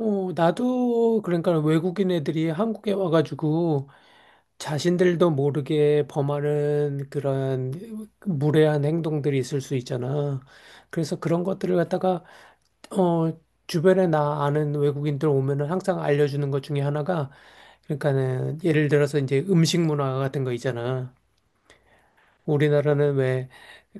나도 그러니까 외국인 애들이 한국에 와가지고 자신들도 모르게 범하는 그런 무례한 행동들이 있을 수 있잖아. 그래서 그런 것들을 갖다가 어, 주변에 나 아는 외국인들 오면은 항상 알려주는 것 중에 하나가 그러니까는 예를 들어서 이제 음식 문화 같은 거 있잖아. 우리나라는 왜,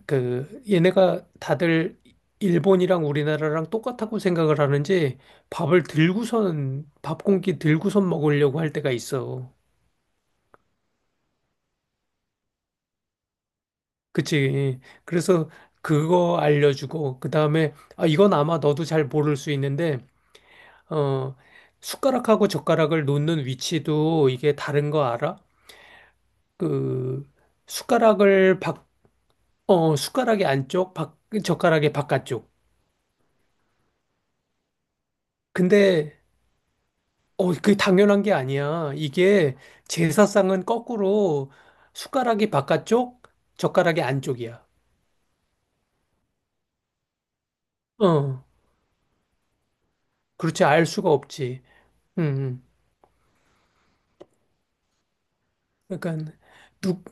그, 얘네가 다들 일본이랑 우리나라랑 똑같다고 생각을 하는지 밥 공기 들고선 먹으려고 할 때가 있어. 그치. 그래서 그거 알려주고, 그 다음에, 아, 이건 아마 너도 잘 모를 수 있는데, 어, 숟가락하고 젓가락을 놓는 위치도 이게 다른 거 알아? 그, 숟가락을 밖, 어, 숟가락의 안쪽, 밖, 젓가락의 바깥쪽. 근데 그게 당연한 게 아니야. 이게 제사상은 거꾸로 숟가락이 바깥쪽, 젓가락이 안쪽이야. 어, 그렇지. 알 수가 없지. 음, 음. 그러니까 누,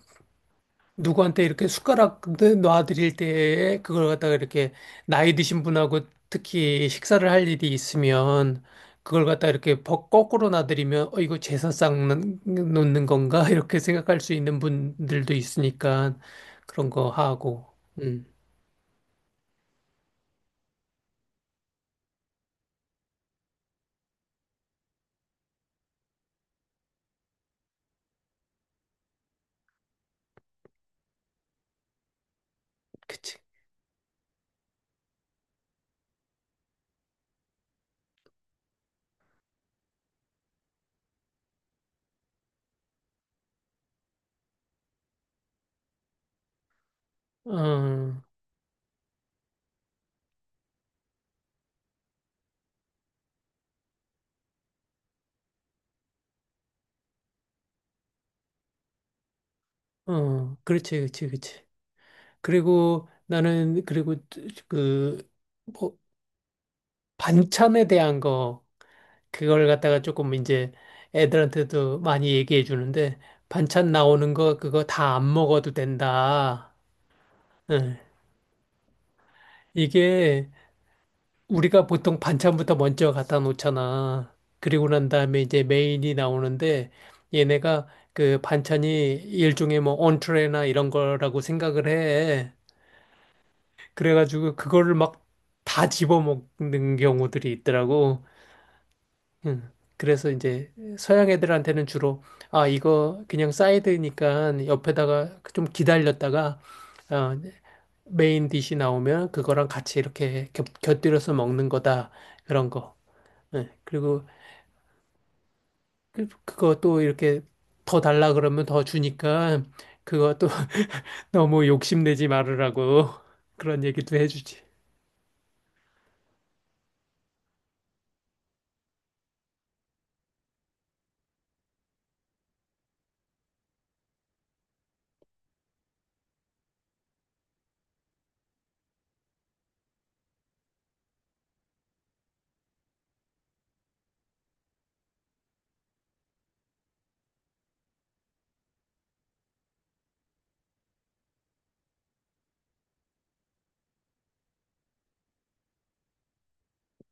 누구한테 이렇게 숟가락 놔드릴 때에 그걸 갖다가 이렇게 나이 드신 분하고 특히 식사를 할 일이 있으면 그걸 갖다 이렇게 벅- 거꾸로 놔드리면 어, 이거 놓는 건가? 이렇게 생각할 수 있는 분들도 있으니까 그런 거 하고. 음, 그치. 어, 어, 그렇지, 그렇지, 그렇지. 그리고 그 뭐, 반찬에 대한 거, 그걸 갖다가 조금 이제 애들한테도 많이 얘기해 주는데, 반찬 나오는 거, 그거 다 안 먹어도 된다. 응. 이게 우리가 보통 반찬부터 먼저 갖다 놓잖아. 그리고 난 다음에 이제 메인이 나오는데, 얘네가 그 반찬이 일종의 뭐, 온트레나 이런 거라고 생각을 해. 그래가지고 그거를 막 다 집어먹는 경우들이 있더라고. 응. 그래서 이제 서양 애들한테는 주로 아 이거 그냥 사이드니까 옆에다가 좀 기다렸다가 어, 메인 디시 나오면 그거랑 같이 이렇게 곁들여서 먹는 거다 그런 거. 예. 그리고 그거 또 이렇게 더 달라 그러면 더 주니까 그거 또 너무 욕심내지 말으라고 그런 얘기도 해주지.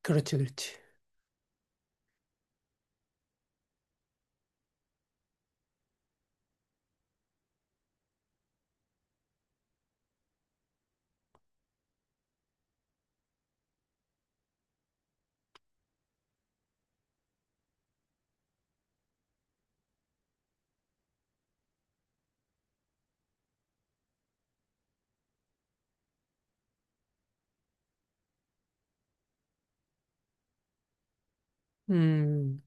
그렇지, 그렇지. 음.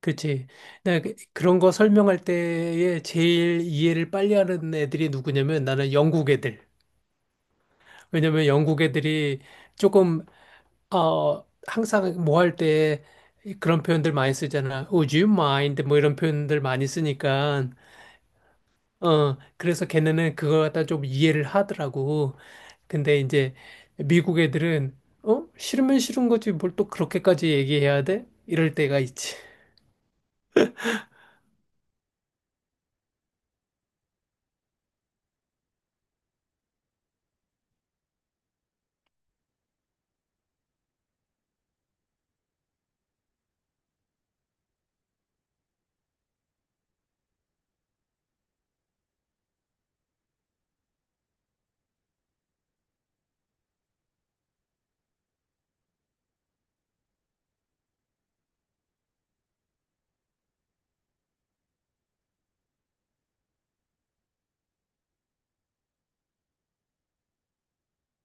그치. 나 그런 거 설명할 때에 제일 이해를 빨리 하는 애들이 누구냐면 나는 영국 애들. 왜냐면 영국 애들이 조금, 항상 뭐 할 때 그런 표현들 많이 쓰잖아. Would you mind? 뭐 이런 표현들 많이 쓰니까. 어, 그래서 걔네는 그거 갖다 좀 이해를 하더라고. 근데 이제 미국 애들은, 어? 싫으면 싫은 거지. 뭘 또 그렇게까지 얘기해야 돼? 이럴 때가 있지.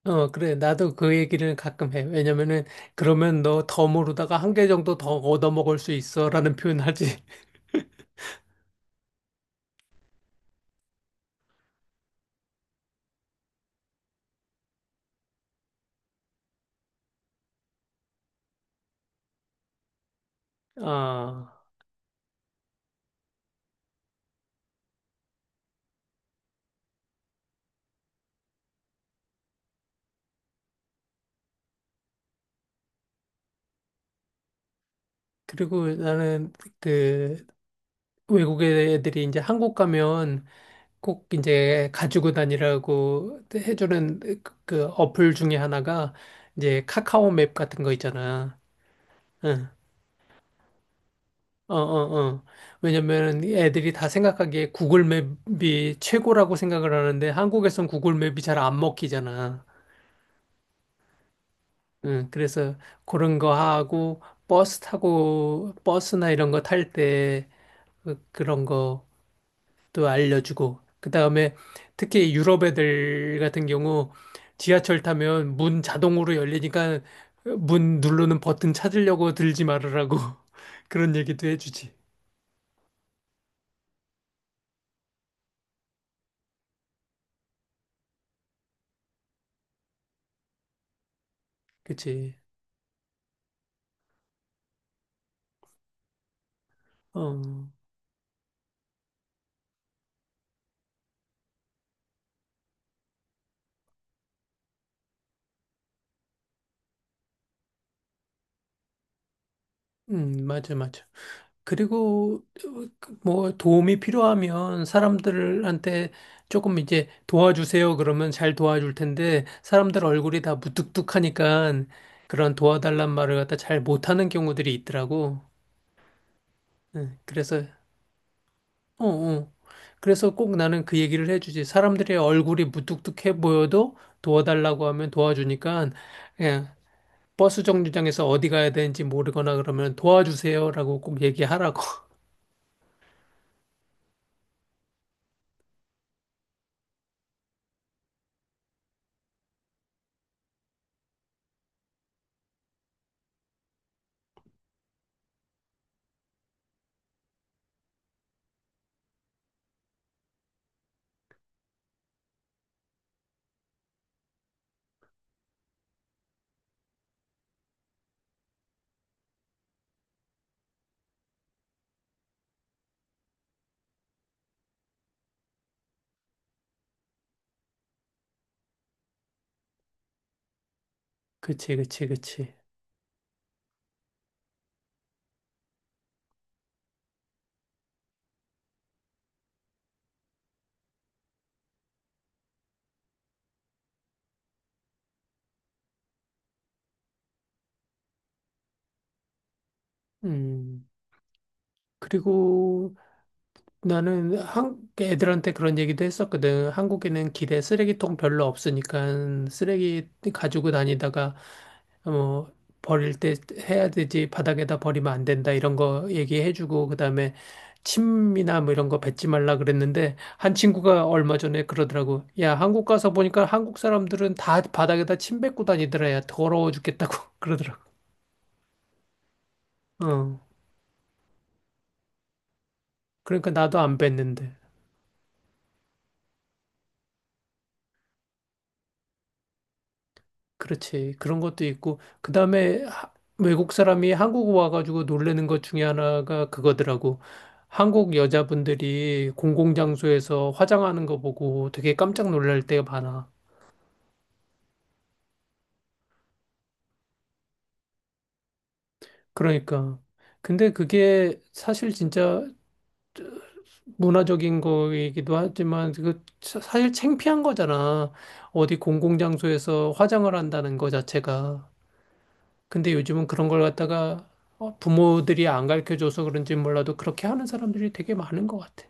어, 그래. 나도 그 얘기를 가끔 해. 왜냐면은, 그러면 너 더 모르다가 한 개 정도 더 얻어먹을 수 있어. 라는 표현하지. 아, 그리고 나는 그 외국 의 애들이 이제 한국 가면 꼭 이제 가지고 다니라고 해주는 그 어플 중에 하나가 이제 카카오 맵 같은 거 있잖아. 응. 어, 어, 어. 왜냐면 애들이 다 생각하기에 구글 맵이 최고라고 생각을 하는데 한국에선 구글 맵이 잘 안 먹히잖아. 응, 그래서 그런 거 하고 버스나 이런 거 탈때 그런 것도 알려주고 그다음에 특히 유럽 애들 같은 경우 지하철 타면 문 자동으로 열리니까 문 누르는 버튼 찾으려고 들지 말으라고 그런 얘기도 해주지. 그치? 어. 맞아, 맞아. 그리고 그뭐 도움이 필요하면 사람들한테 조금 이제 도와주세요 그러면 잘 도와줄 텐데 사람들 얼굴이 다 무뚝뚝하니까 그런 도와달란 말을 갖다 잘 못하는 경우들이 있더라고. 응, 그래서 어, 어. 그래서 꼭 나는 그 얘기를 해주지. 사람들의 얼굴이 무뚝뚝해 보여도 도와달라고 하면 도와주니까 그냥 버스 정류장에서 어디 가야 되는지 모르거나 그러면 도와주세요라고 꼭 얘기하라고. 그치, 그치, 그치. 음. 그리고 나는 애들한테 그런 얘기도 했었거든. 한국에는 길에 쓰레기통 별로 없으니까 쓰레기 가지고 다니다가 어, 버릴 때 해야 되지, 바닥에다 버리면 안 된다, 이런 거 얘기해주고, 그 다음에 침이나 뭐 이런 거 뱉지 말라 그랬는데, 한 친구가 얼마 전에 그러더라고. 야, 한국 가서 보니까 한국 사람들은 다 바닥에다 침 뱉고 다니더라. 야, 더러워 죽겠다고 그러더라고. 어. 그러니까 나도 안 뱉는데. 그렇지. 그런 것도 있고, 그 다음에 외국 사람이 한국 와가지고 놀래는 것 중에 하나가 그거더라고. 한국 여자분들이 공공장소에서 화장하는 거 보고 되게 깜짝 놀랄 때가 많아. 그러니까. 근데 그게 사실 진짜 문화적인 거이기도 하지만, 사실 창피한 거잖아. 어디 공공장소에서 화장을 한다는 거 자체가. 근데 요즘은 그런 걸 갖다가 어, 부모들이 안 가르쳐줘서 그런지 몰라도 그렇게 하는 사람들이 되게 많은 것 같아.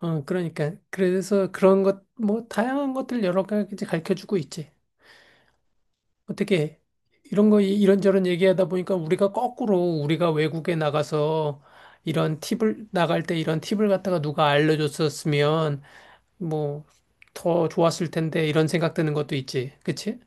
어, 그러니까. 그래서 그런 것, 뭐, 다양한 것들 여러 가지 가르쳐주고 있지. 어떻게, 이런 거 이런저런 얘기하다 보니까 우리가 거꾸로 우리가 외국에 나가서 나갈 때 이런 팁을 갖다가 누가 알려줬었으면 뭐, 더 좋았을 텐데 이런 생각 드는 것도 있지. 그치?